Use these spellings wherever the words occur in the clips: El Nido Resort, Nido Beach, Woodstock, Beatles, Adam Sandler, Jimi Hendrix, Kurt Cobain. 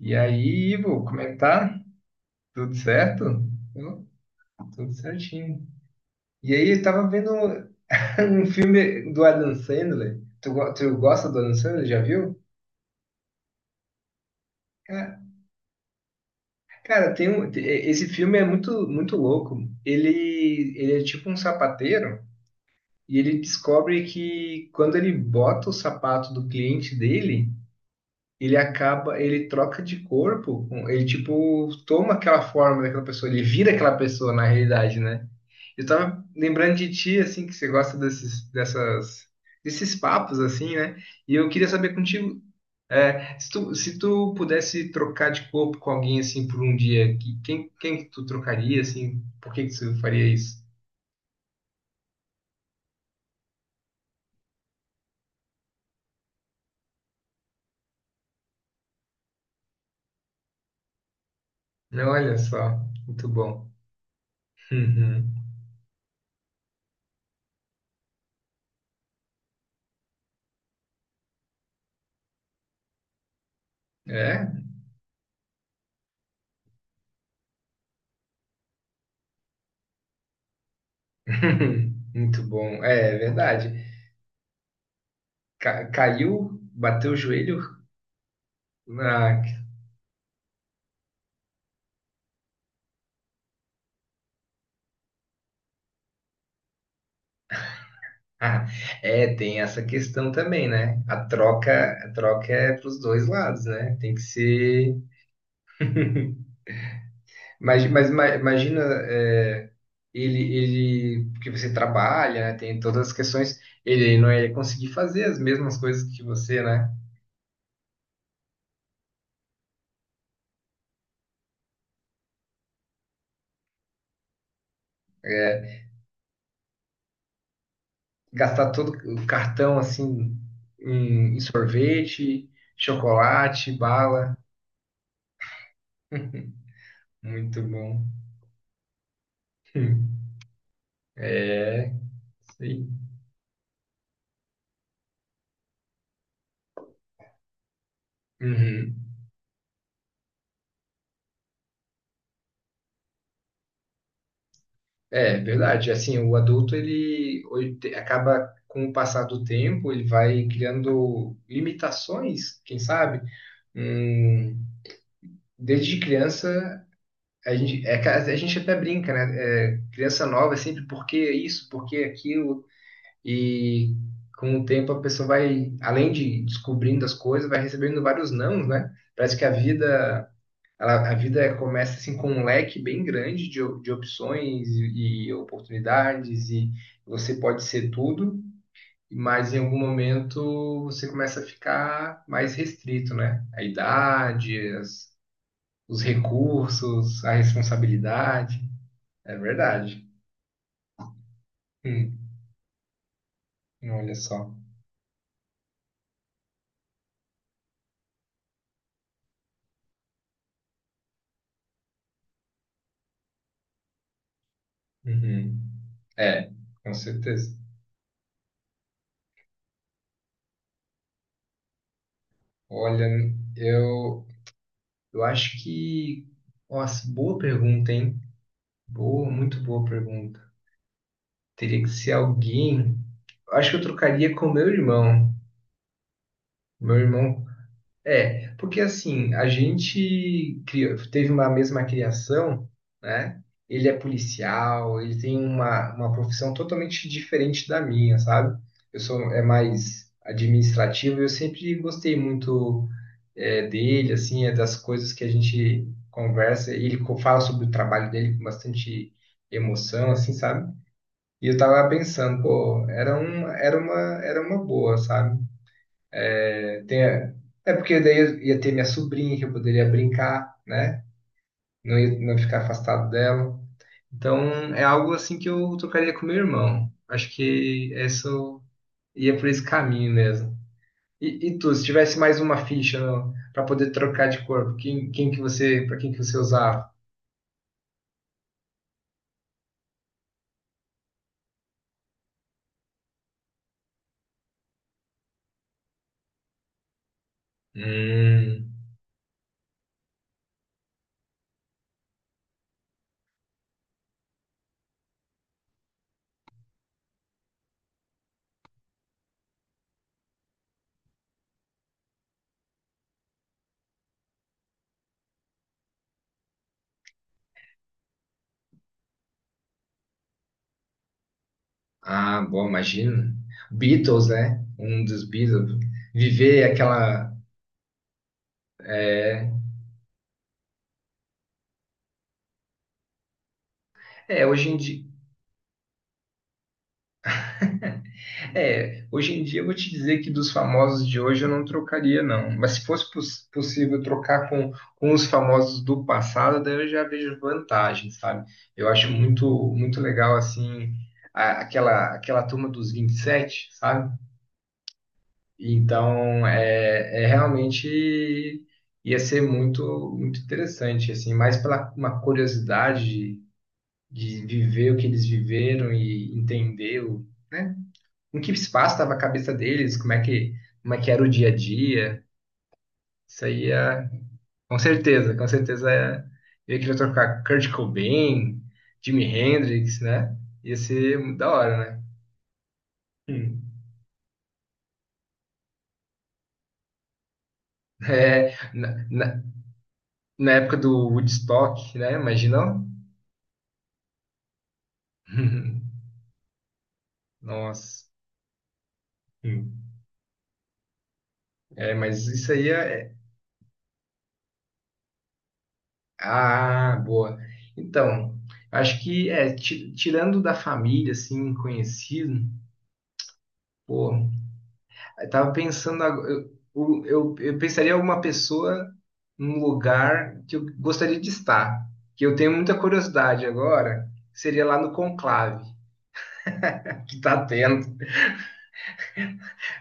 E aí, Ivo, como é que tá? Tudo certo? Eu, tudo certinho. E aí, eu tava vendo um filme do Adam Sandler. Tu gosta do Adam Sandler? Já viu? Ca- Cara, tem um, esse filme é muito louco. Ele é tipo um sapateiro e ele descobre que quando ele bota o sapato do cliente dele, ele acaba, ele troca de corpo, ele tipo toma aquela forma daquela pessoa, ele vira aquela pessoa na realidade, né? Eu tava lembrando de ti, assim, que você gosta desses papos, assim, né? E eu queria saber contigo, é, se tu pudesse trocar de corpo com alguém, assim, por um dia, quem que tu trocaria, assim? Por que que tu faria isso? Olha só, muito bom. Uhum. É? Muito bom. É, é verdade. Caiu, bateu o joelho, ah. Ah, é, tem essa questão também, né? A troca é para os dois lados, né? Tem que ser. Mas imagina, é, porque você trabalha, né? Tem todas as questões, ele não ia conseguir fazer as mesmas coisas que você, né? É, gastar todo o cartão assim em sorvete, chocolate, bala. Muito bom. É, sim. É, verdade. Assim, o adulto ele acaba com o passar do tempo, ele vai criando limitações, quem sabe? Hum, desde criança a gente, a gente até brinca, né? É, criança nova é sempre porque isso, porque aquilo e com o tempo a pessoa vai, além de descobrindo as coisas, vai recebendo vários nãos, né? Parece que a vida a vida começa assim com um leque bem grande de opções e oportunidades, e você pode ser tudo, mas em algum momento você começa a ficar mais restrito, né? A idade, os recursos, a responsabilidade. É verdade. Hum, olha só. Uhum. É, com certeza. Olha, eu, eu acho que... Nossa, boa pergunta, hein? Boa, muito boa pergunta. Teria que ser alguém. Eu acho que eu trocaria com o meu irmão. Meu irmão. É, porque assim, teve uma mesma criação, né? Ele é policial, ele tem uma profissão totalmente diferente da minha, sabe? Eu sou é mais administrativo, eu sempre gostei muito é, dele, assim, é das coisas que a gente conversa. E ele fala sobre o trabalho dele com bastante emoção, assim, sabe? E eu tava pensando, pô, era uma boa, sabe? É, tem, é porque daí eu ia ter minha sobrinha que eu poderia brincar, né? Não ficar afastado dela. Então é algo assim que eu tocaria com meu irmão. Acho que isso ia por esse caminho mesmo. E tu, se tivesse mais uma ficha para poder trocar de corpo, quem que você, para quem que você usava? Hum, ah, bom, imagina. Beatles, né? Um dos Beatles. Viver aquela... É, é, hoje em dia, é, hoje em dia eu vou te dizer que dos famosos de hoje eu não trocaria, não. Mas se fosse possível trocar com os famosos do passado, daí eu já vejo vantagem, sabe? Eu acho muito legal, assim, aquela turma dos 27, sabe? Então, é, é realmente ia ser muito interessante, assim, mais pela uma curiosidade de viver o que eles viveram e entender o né, em que espaço estava a cabeça deles, como é que era o dia a dia. Isso aí é, com certeza é, eu queria trocar Kurt Cobain, Jimi Hendrix, né? Ia ser muito da hora, né? Hum. É, na época do Woodstock, né? Imagina. Nossa. Hum. É, mas isso aí é. Ah, boa. Então, acho que é, tirando da família, assim, conhecido, pô, eu tava pensando, eu pensaria em alguma pessoa num lugar que eu gostaria de estar, que eu tenho muita curiosidade agora, seria lá no conclave que tá tendo,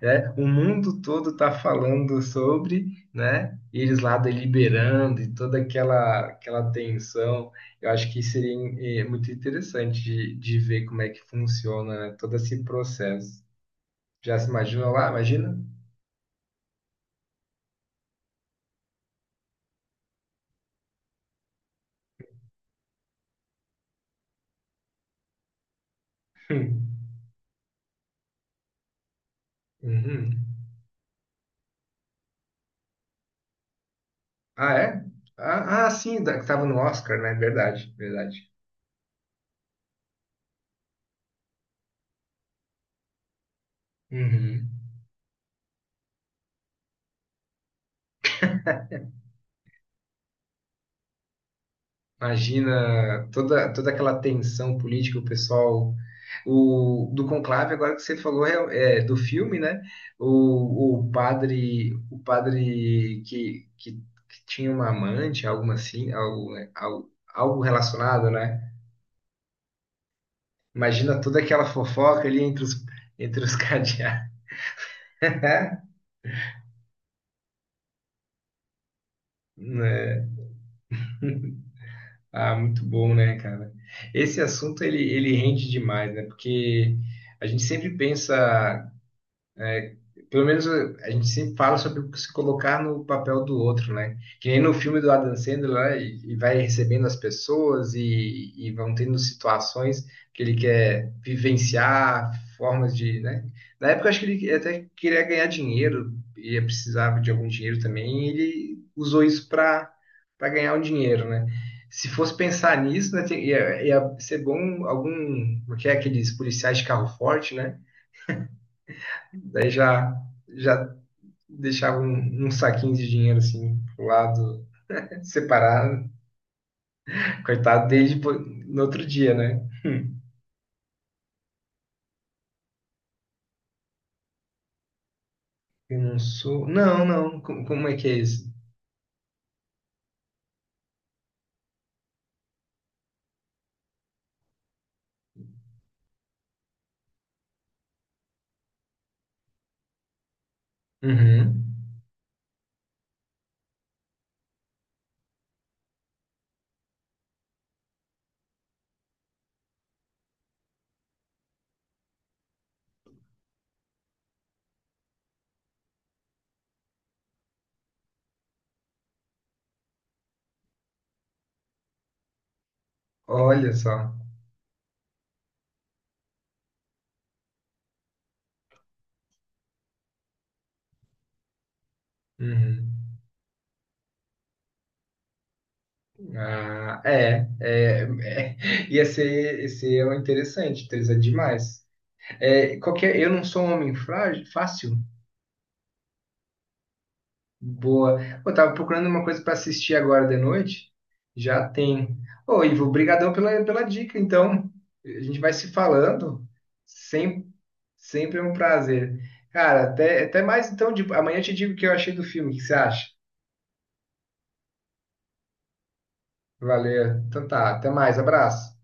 né? O mundo todo tá falando sobre, né? E eles lá deliberando e toda aquela tensão. Eu acho que seria muito interessante de ver como é que funciona né, todo esse processo. Já se imagina lá? Imagina? Uhum. Ah, é? Ah, sim, que tava no Oscar, né? Verdade, verdade. Uhum. Imagina toda aquela tensão política, o pessoal. O, do conclave, agora que você falou é, é, do filme, né? O padre, o padre que tinha uma amante, algo assim, algo, né, algo, algo relacionado, né? Imagina toda aquela fofoca ali entre os cadeados, né? Ah, muito bom, né, cara? Esse assunto ele rende demais, né? Porque a gente sempre pensa pelo menos a gente sempre fala sobre se colocar no papel do outro, né? Que nem no filme do Adam Sandler lá, e vai recebendo as pessoas e vão tendo situações que ele quer vivenciar, formas de, né? Na época eu acho que ele até queria ganhar dinheiro e precisava de algum dinheiro também, e ele usou isso para para ganhar um dinheiro, né? Se fosse pensar nisso, né, ia ser bom algum, o que é aqueles policiais de carro forte, né? Daí já deixava um, um saquinho de dinheiro assim pro lado, separado. Coitado desde no outro dia, né? Eu não sou. Não, não. Como é que é isso? Uhum. Olha só. Uhum. Ah, é. Ia ser interessante demais. É, qualquer, eu não sou um homem frágil, fácil. Boa. Eu tava procurando uma coisa para assistir agora de noite. Já tem. Ô, Ivo, brigadão pela dica. Então, a gente vai se falando. Sempre, sempre é um prazer. Cara, até mais então. De... Amanhã eu te digo o que eu achei do filme. O que você acha? Valeu. Então tá, até mais. Abraço.